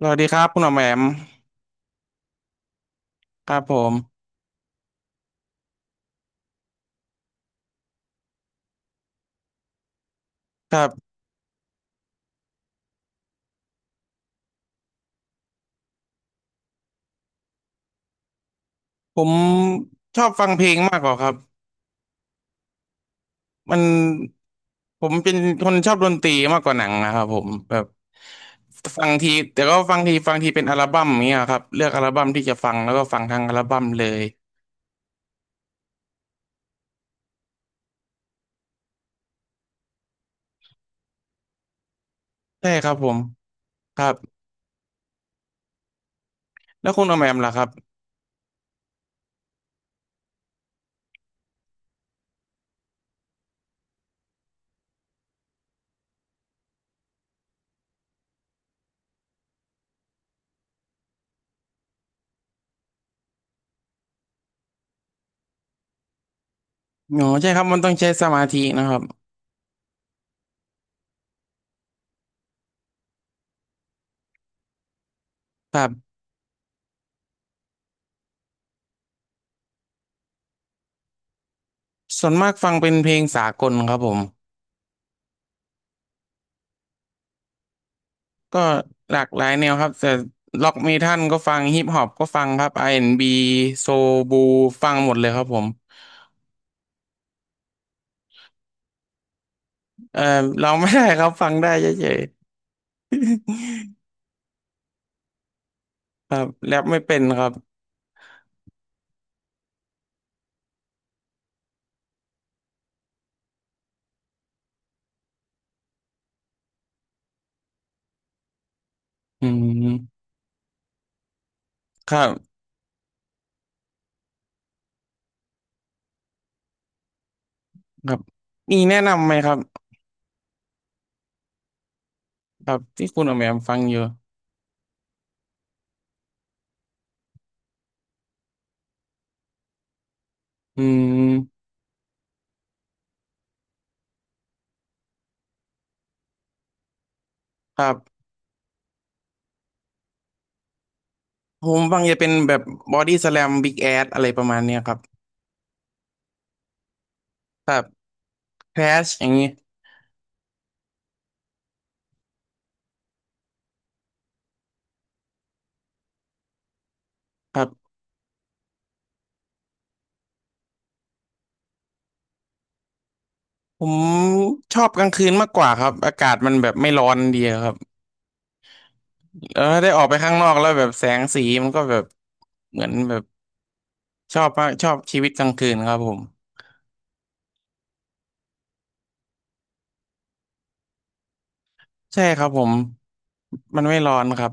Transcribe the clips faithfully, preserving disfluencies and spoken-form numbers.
สวัสดีครับคุณหมอแหม่มครับผมครับผมชอบฟังเพลงมากกว่าครับมันผมเป็นคนชอบดนตรีมากกว่าหนังนะครับผมแบบฟังทีแต่ก็ฟังทีฟังทีเป็นอัลบั้มอย่างเงี้ยครับเลือกอัลบั้มที่จะฟังแล้วก็ฟังทั้งอัลบั้มเลยใช่ครับผมครับแล้วคุณหมอแหม่มล่ะครับอ๋อใช่ครับมันต้องใช้สมาธินะครับครับส่วนมากฟังเป็นเพลงสากลครับผม ก็หลากหลายแนวครับแต่ล็อกเมทัลก็ฟังฮิปฮอปก็ฟังครับ อาร์ แอนด์ บี โซบูฟังหมดเลยครับผมเออเราไม่ได้ครับฟังได้เฉยๆครับแรปไม่เป็นครับอืมครับครับมีแนะนำไหมครับครับที่คุณออกแบบฟังอยู่อืมครับผมฟังจะเป็นแบบบอดี้ส a ลมบิ๊กแอดอะไรประมาณเนี้ยครับแบบแคลชอย่างนี้ครับผมชอบกลางคืนมากกว่าครับอากาศมันแบบไม่ร้อนดีครับ เออได้ออกไปข้างนอกแล้วแบบแสงสีมันก็แบบเหมือนแบบชอบมากชอบชีวิตกลางคืนครับผมใช่ครับผมมันไม่ร้อนครับ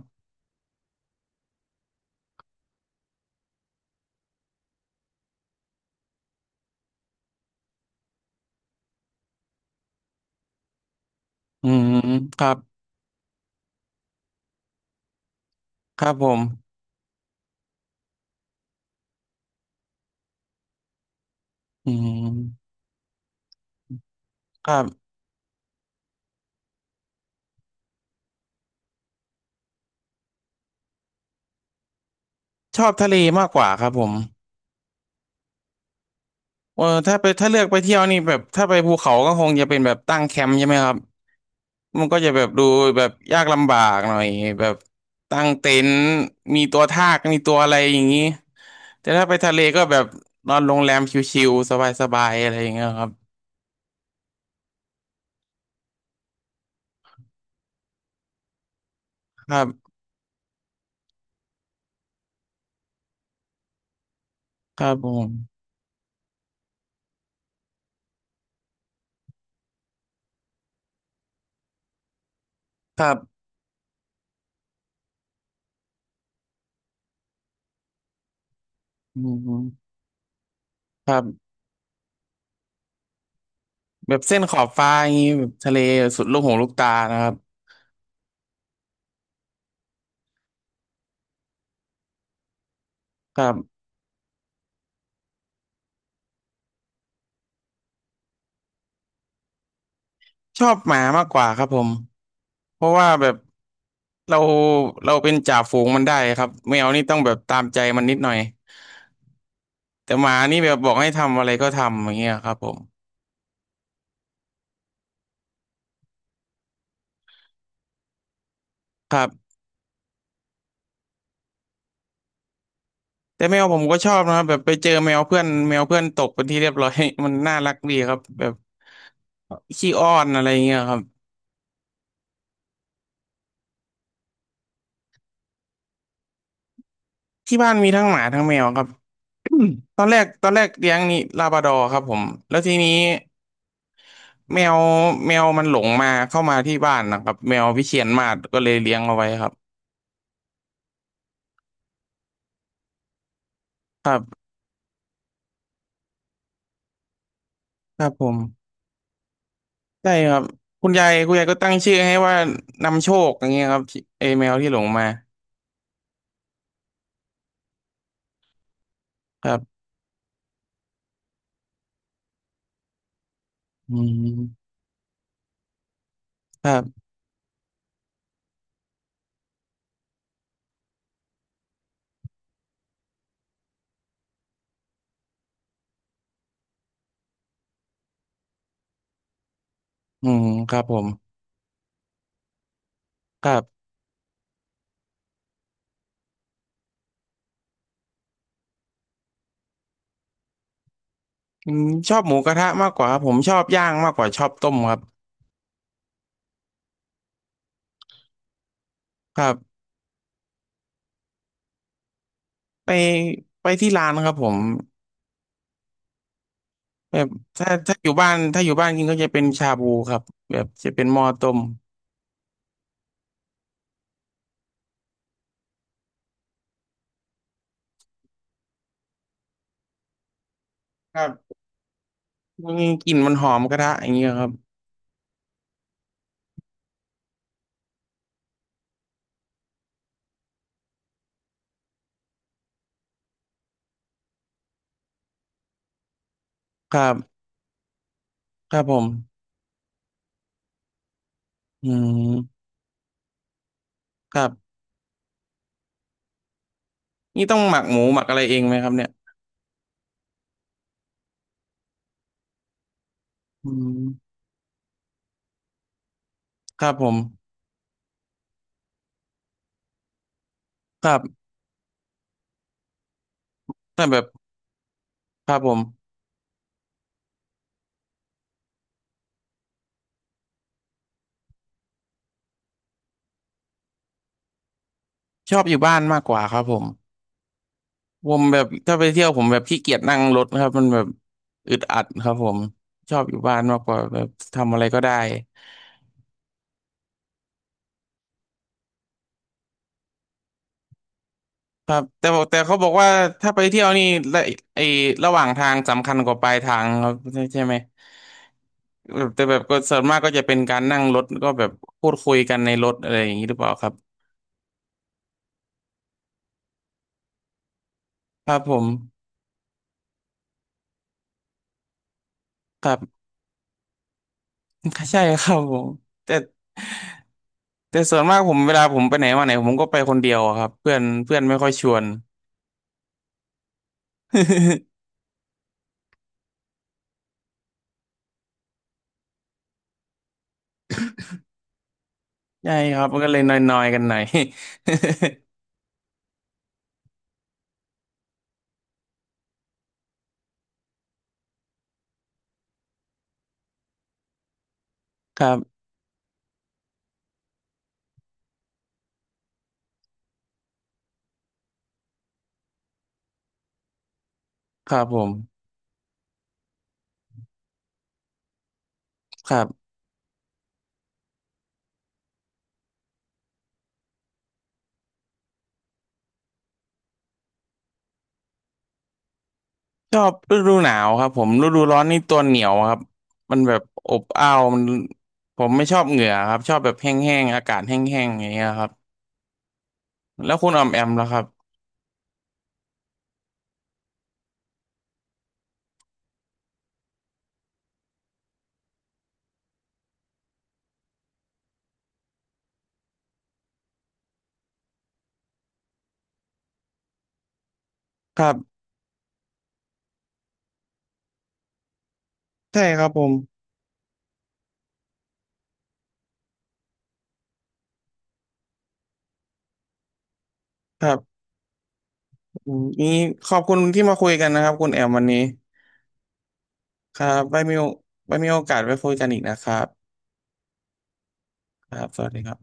อืมครับครับผมอืมครับชอบทะเลมากกว่าครับผม เออถ้าไปถ้าเลือกไปเที่ยวนี่แบบถ้าไปภูเขาก็คงจะเป็นแบบตั้งแคมป์ใช่ไหมครับมันก็จะแบบดูแบบยากลำบากหน่อยแบบตั้งเต็นท์มีตัวทากมีตัวอะไรอย่างนี้แต่ถ้าไปทะเลก็แบบนอนโรงแรมชิลๆสบายๆอะไรอย่างเงี้ยครับครับครับผมครับอืมครับแบบเส้นขอบฟ้าอย่างนี้แบบทะเลสุดลูกหูลูกตานะครับครับชอบหมามากกว่าครับผม เพราะว่าแบบเราเราเป็นจ่าฝูงมันได้ครับแมวนี่ต้องแบบตามใจมันนิดหน่อยแต่หมานี่แบบบอกให้ทำอะไรก็ทำอย่างเงี้ยครับผมครับแต่แมวผมก็ชอบนะครับแบบไปเจอแมวเพื่อนแมวเพื่อนตกเป็นที่เรียบร้อย มันน่ารักดีครับแบบขี้อ้อนอะไรเงี้ยครับที่บ้านมีทั้งหมาทั้งแมวครับ ตอนแรกตอนแรกเลี้ยงนี่ลาบราดอร์ครับผมแล้วทีนี้แมวแมวมันหลงมาเข้ามาที่บ้านนะครับแมววิเชียรมาศก็เลยเลี้ยงเอาไว้ครับครับผม ได้ครับคุณยายคุณยายก็ตั้งชื่อให้ว่านำโชคอย่างเงี้ยครับที่ไอแมวที่หลงมาครับอืมครับอืมครับผมครับอืมชอบหมูกระทะมากกว่าครับผมชอบย่างมากกว่าชอบต้มครับครับไปไปที่ร้านครับผมแบบถ้าถ้าอยู่บ้านถ้าอยู่บ้านกินก็จะเป็นชาบูครับแบบจะเป็นหม้อต้มครับมันกลิ่นมันหอมกระทะอย่างเงี้ยครับครับครับผมอืมครับนี่ต้องหมักหมูหมักอะไรเองไหมครับเนี่ยอืมครับผม ครับแต่แบบครับผมชอบอยู่บ้านมากกว่าครับผมผมแบบถ้าไปเที่ยวผมแบบขี้เกียจนั่งรถครับมันแบบอึดอัดครับผมชอบอยู่บ้านมากกว่าแบบทำอะไรก็ได้ครับแต่บอกแต่เขาบอกว่าถ้าไปเที่ยวนี่ระไอ้ระหว่างทางสำคัญกว่าปลายทางครับใช่ใช่ไหมแบบแต่แบบก็ส่วนมากก็จะเป็นการนั่งรถก็แบบพูดคุยกันในรถอะไรอย่างนี้หรือเปล่าครับครับผมครับ ใช่ครับผมแต่ แต่ส่วนมากผมเวลาผมไปไหนมาไหนผมก็ไปคนเดียวอะครับเพื่อนเพื่อนไม่ค่อยชวน ใช่ครับมันก็เลยนอยๆกันหน่อย ครับครับผมครับชอบฤดูหนาวครับผมฤดูร้อนนี่ตัวเหนียวครับมันแบบอบอ้าวมันผมไม่ชอบเหงื่อครับชอบแบบแห้งๆอากาศแห้งๆอย่างเงี้ยครับแล้วคุณออมแอมล่ะครับครับใช่ครับผมครับอืมนี่ขอบคุณที่มาคุยกันนะครับคุณแอมวันนี้ครับไว้มีโอไว้มีโอกาสไว้คุยกันอีกนะครับ ครับสวัสดีครับ